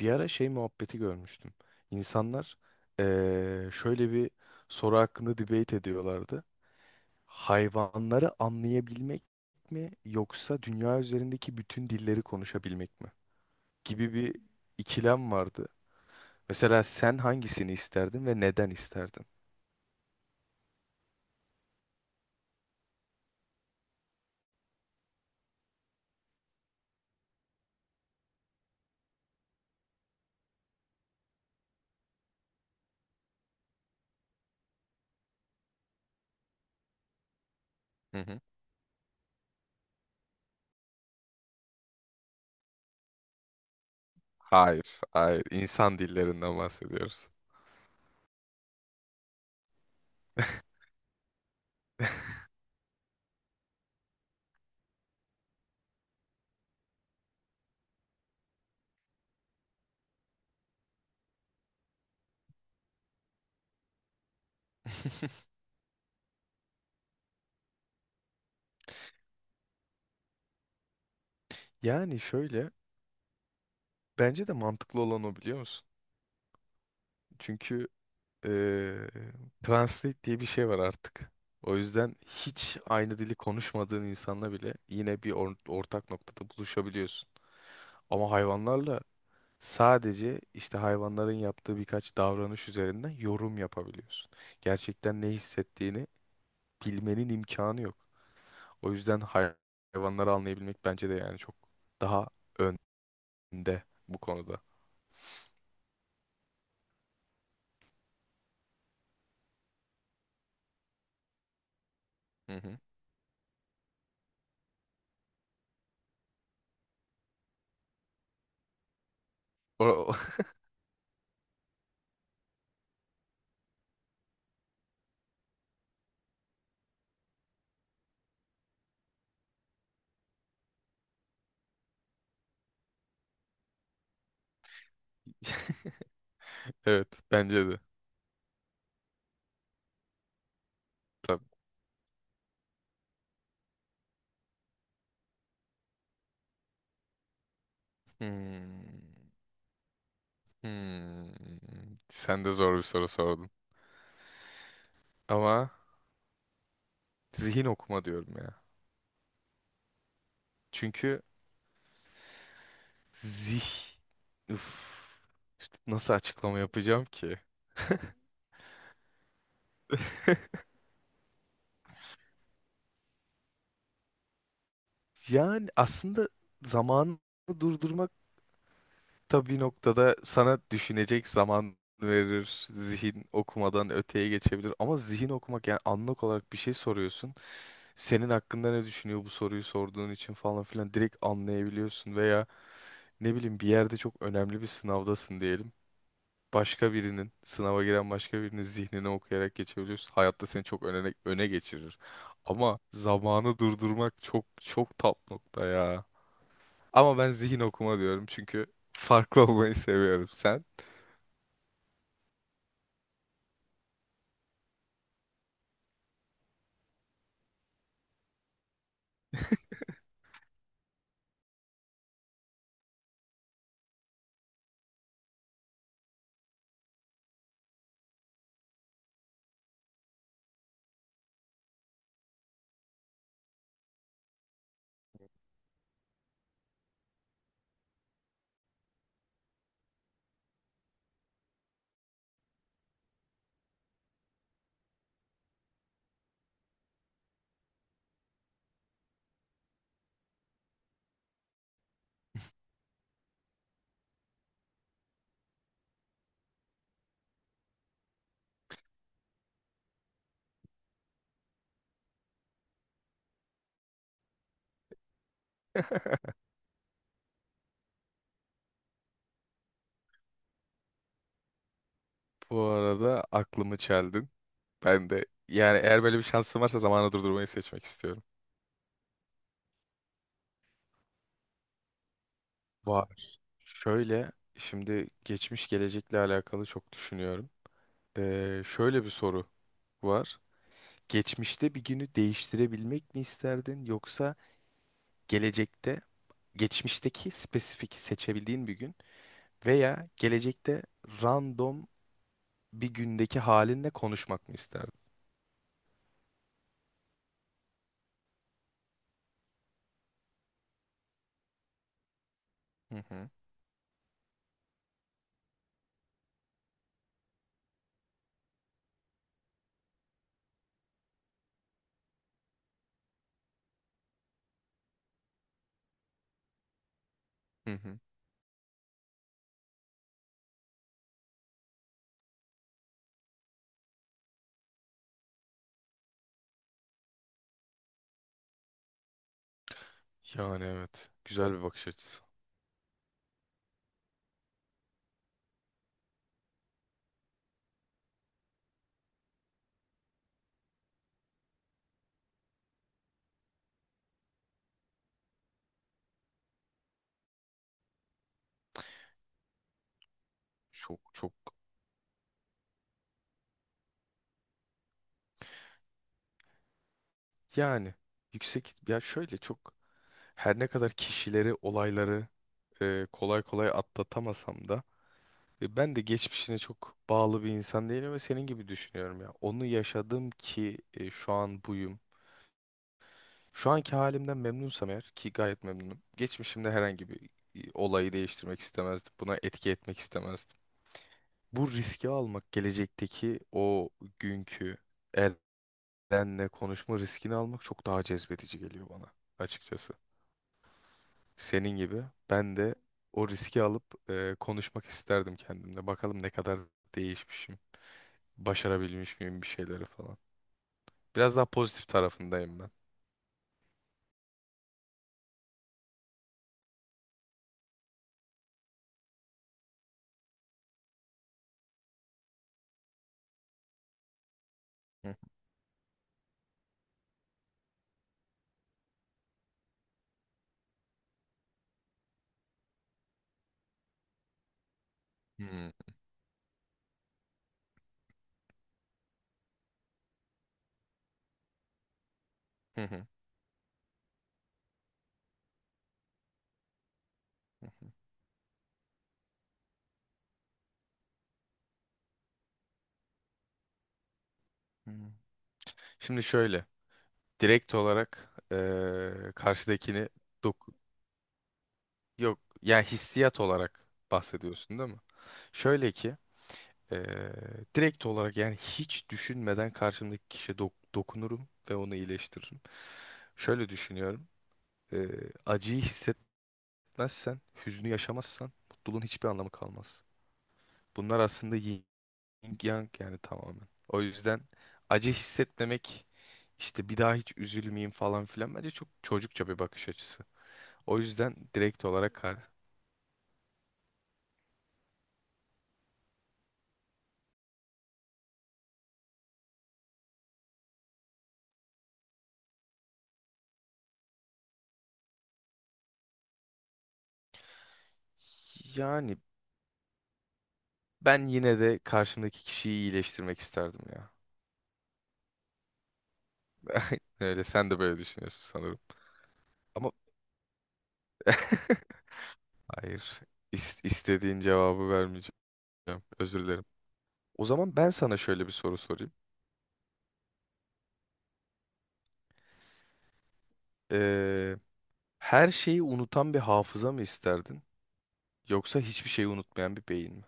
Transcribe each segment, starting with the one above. Bir ara şey muhabbeti görmüştüm. İnsanlar şöyle bir soru hakkında debate ediyorlardı. Hayvanları anlayabilmek mi yoksa dünya üzerindeki bütün dilleri konuşabilmek mi? Gibi bir ikilem vardı. Mesela sen hangisini isterdin ve neden isterdin? Hı hı. Hayır, hayır. İnsan dillerinden bahsediyoruz. Yani şöyle, bence de mantıklı olan o, biliyor musun? Çünkü eee Translate diye bir şey var artık. O yüzden hiç aynı dili konuşmadığın insanla bile yine bir ortak noktada buluşabiliyorsun. Ama hayvanlarla sadece işte hayvanların yaptığı birkaç davranış üzerinden yorum yapabiliyorsun. Gerçekten ne hissettiğini bilmenin imkanı yok. O yüzden hayvanları anlayabilmek bence de yani çok daha önde bu konuda. Hı hı. O- Evet, bence de. Tabii. Hmm. Hmm, sen de zor bir soru sordun. Ama zihin okuma diyorum ya. Çünkü zih... Üf, işte nasıl açıklama yapacağım ki? Yani aslında zamanı durdurmak tabii noktada sana düşünecek zaman verir. Zihin okumadan öteye geçebilir. Ama zihin okumak, yani anlık olarak bir şey soruyorsun. Senin hakkında ne düşünüyor bu soruyu sorduğun için falan filan direkt anlayabiliyorsun. Veya ne bileyim bir yerde çok önemli bir sınavdasın diyelim. Başka birinin, sınava giren başka birinin zihnini okuyarak geçebiliyorsun. Hayatta seni çok öne geçirir. Ama zamanı durdurmak çok çok top nokta ya. Ama ben zihin okuma diyorum, çünkü farklı olmayı seviyorum. Sen? Bu arada aklımı çeldin. Ben de yani eğer böyle bir şansım varsa zamanı durdurmayı seçmek istiyorum. Var. Şöyle, şimdi geçmiş gelecekle alakalı çok düşünüyorum. Şöyle bir soru var. Geçmişte bir günü değiştirebilmek mi isterdin, yoksa gelecekte geçmişteki spesifik seçebildiğin bir gün veya gelecekte random bir gündeki halinle konuşmak mı isterdin? Hı hı. Hı hı. Yani evet. Güzel bir bakış açısı. Çok çok. Yani yüksek ya, şöyle çok, her ne kadar kişileri, olayları e, kolay kolay atlatamasam da. E, ben de geçmişine çok bağlı bir insan değilim ve senin gibi düşünüyorum ya. Onu yaşadım ki e, şu an buyum. Şu anki halimden memnunsam, eğer ki gayet memnunum. Geçmişimde herhangi bir e, olayı değiştirmek istemezdim. Buna etki etmek istemezdim. Bu riski almak, gelecekteki o günkü Eren'le konuşma riskini almak çok daha cezbedici geliyor bana açıkçası. Senin gibi ben de o riski alıp e, konuşmak isterdim kendimle. Bakalım ne kadar değişmişim. Başarabilmiş miyim bir şeyleri falan. Biraz daha pozitif tarafındayım ben. Hı hı. Hı. Hı hı. Hı hı. Şimdi şöyle. Direkt olarak karşıdakini dok yok, yani hissiyat olarak bahsediyorsun değil mi? Şöyle ki eee, direkt olarak yani hiç düşünmeden karşımdaki kişiye dokunurum ve onu iyileştiririm. Şöyle düşünüyorum. Acıyı hissetmezsen, hüznü yaşamazsan mutluluğun hiçbir anlamı kalmaz. Bunlar aslında Yin yang yani tamamen. O yüzden acı hissetmemek, işte bir daha hiç üzülmeyeyim falan filan, bence çok çocukça bir bakış açısı. O yüzden direkt olarak kar. Yani ben yine de karşımdaki kişiyi iyileştirmek isterdim ya. Öyle, sen de böyle düşünüyorsun sanırım. Ama hayır. İstediğin cevabı vermeyeceğim. Özür dilerim. O zaman ben sana şöyle bir soru sorayım. Ee, her şeyi unutan bir hafıza mı isterdin? Yoksa hiçbir şeyi unutmayan bir beyin mi?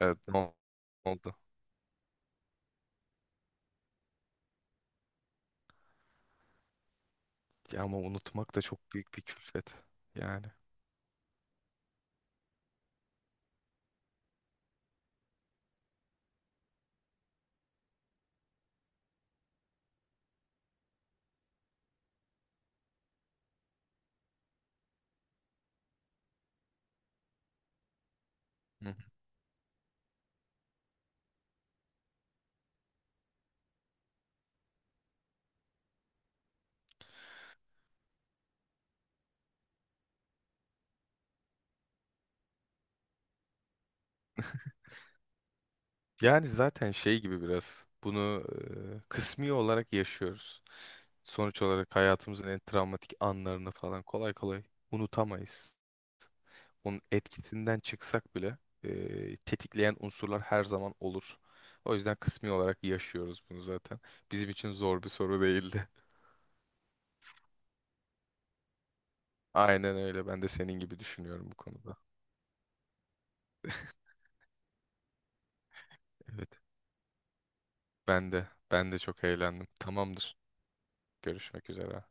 Evet, ne oldu? Ya ama unutmak da çok büyük bir külfet. Yani. Hı hı. Yani zaten şey gibi biraz bunu e, kısmi olarak yaşıyoruz. Sonuç olarak hayatımızın en travmatik anlarını falan kolay kolay unutamayız. Onun etkisinden çıksak bile e, tetikleyen unsurlar her zaman olur. O yüzden kısmi olarak yaşıyoruz bunu zaten. Bizim için zor bir soru değildi. Aynen öyle. Ben de senin gibi düşünüyorum bu konuda. Evet. Ben de. Ben de çok eğlendim. Tamamdır. Görüşmek üzere.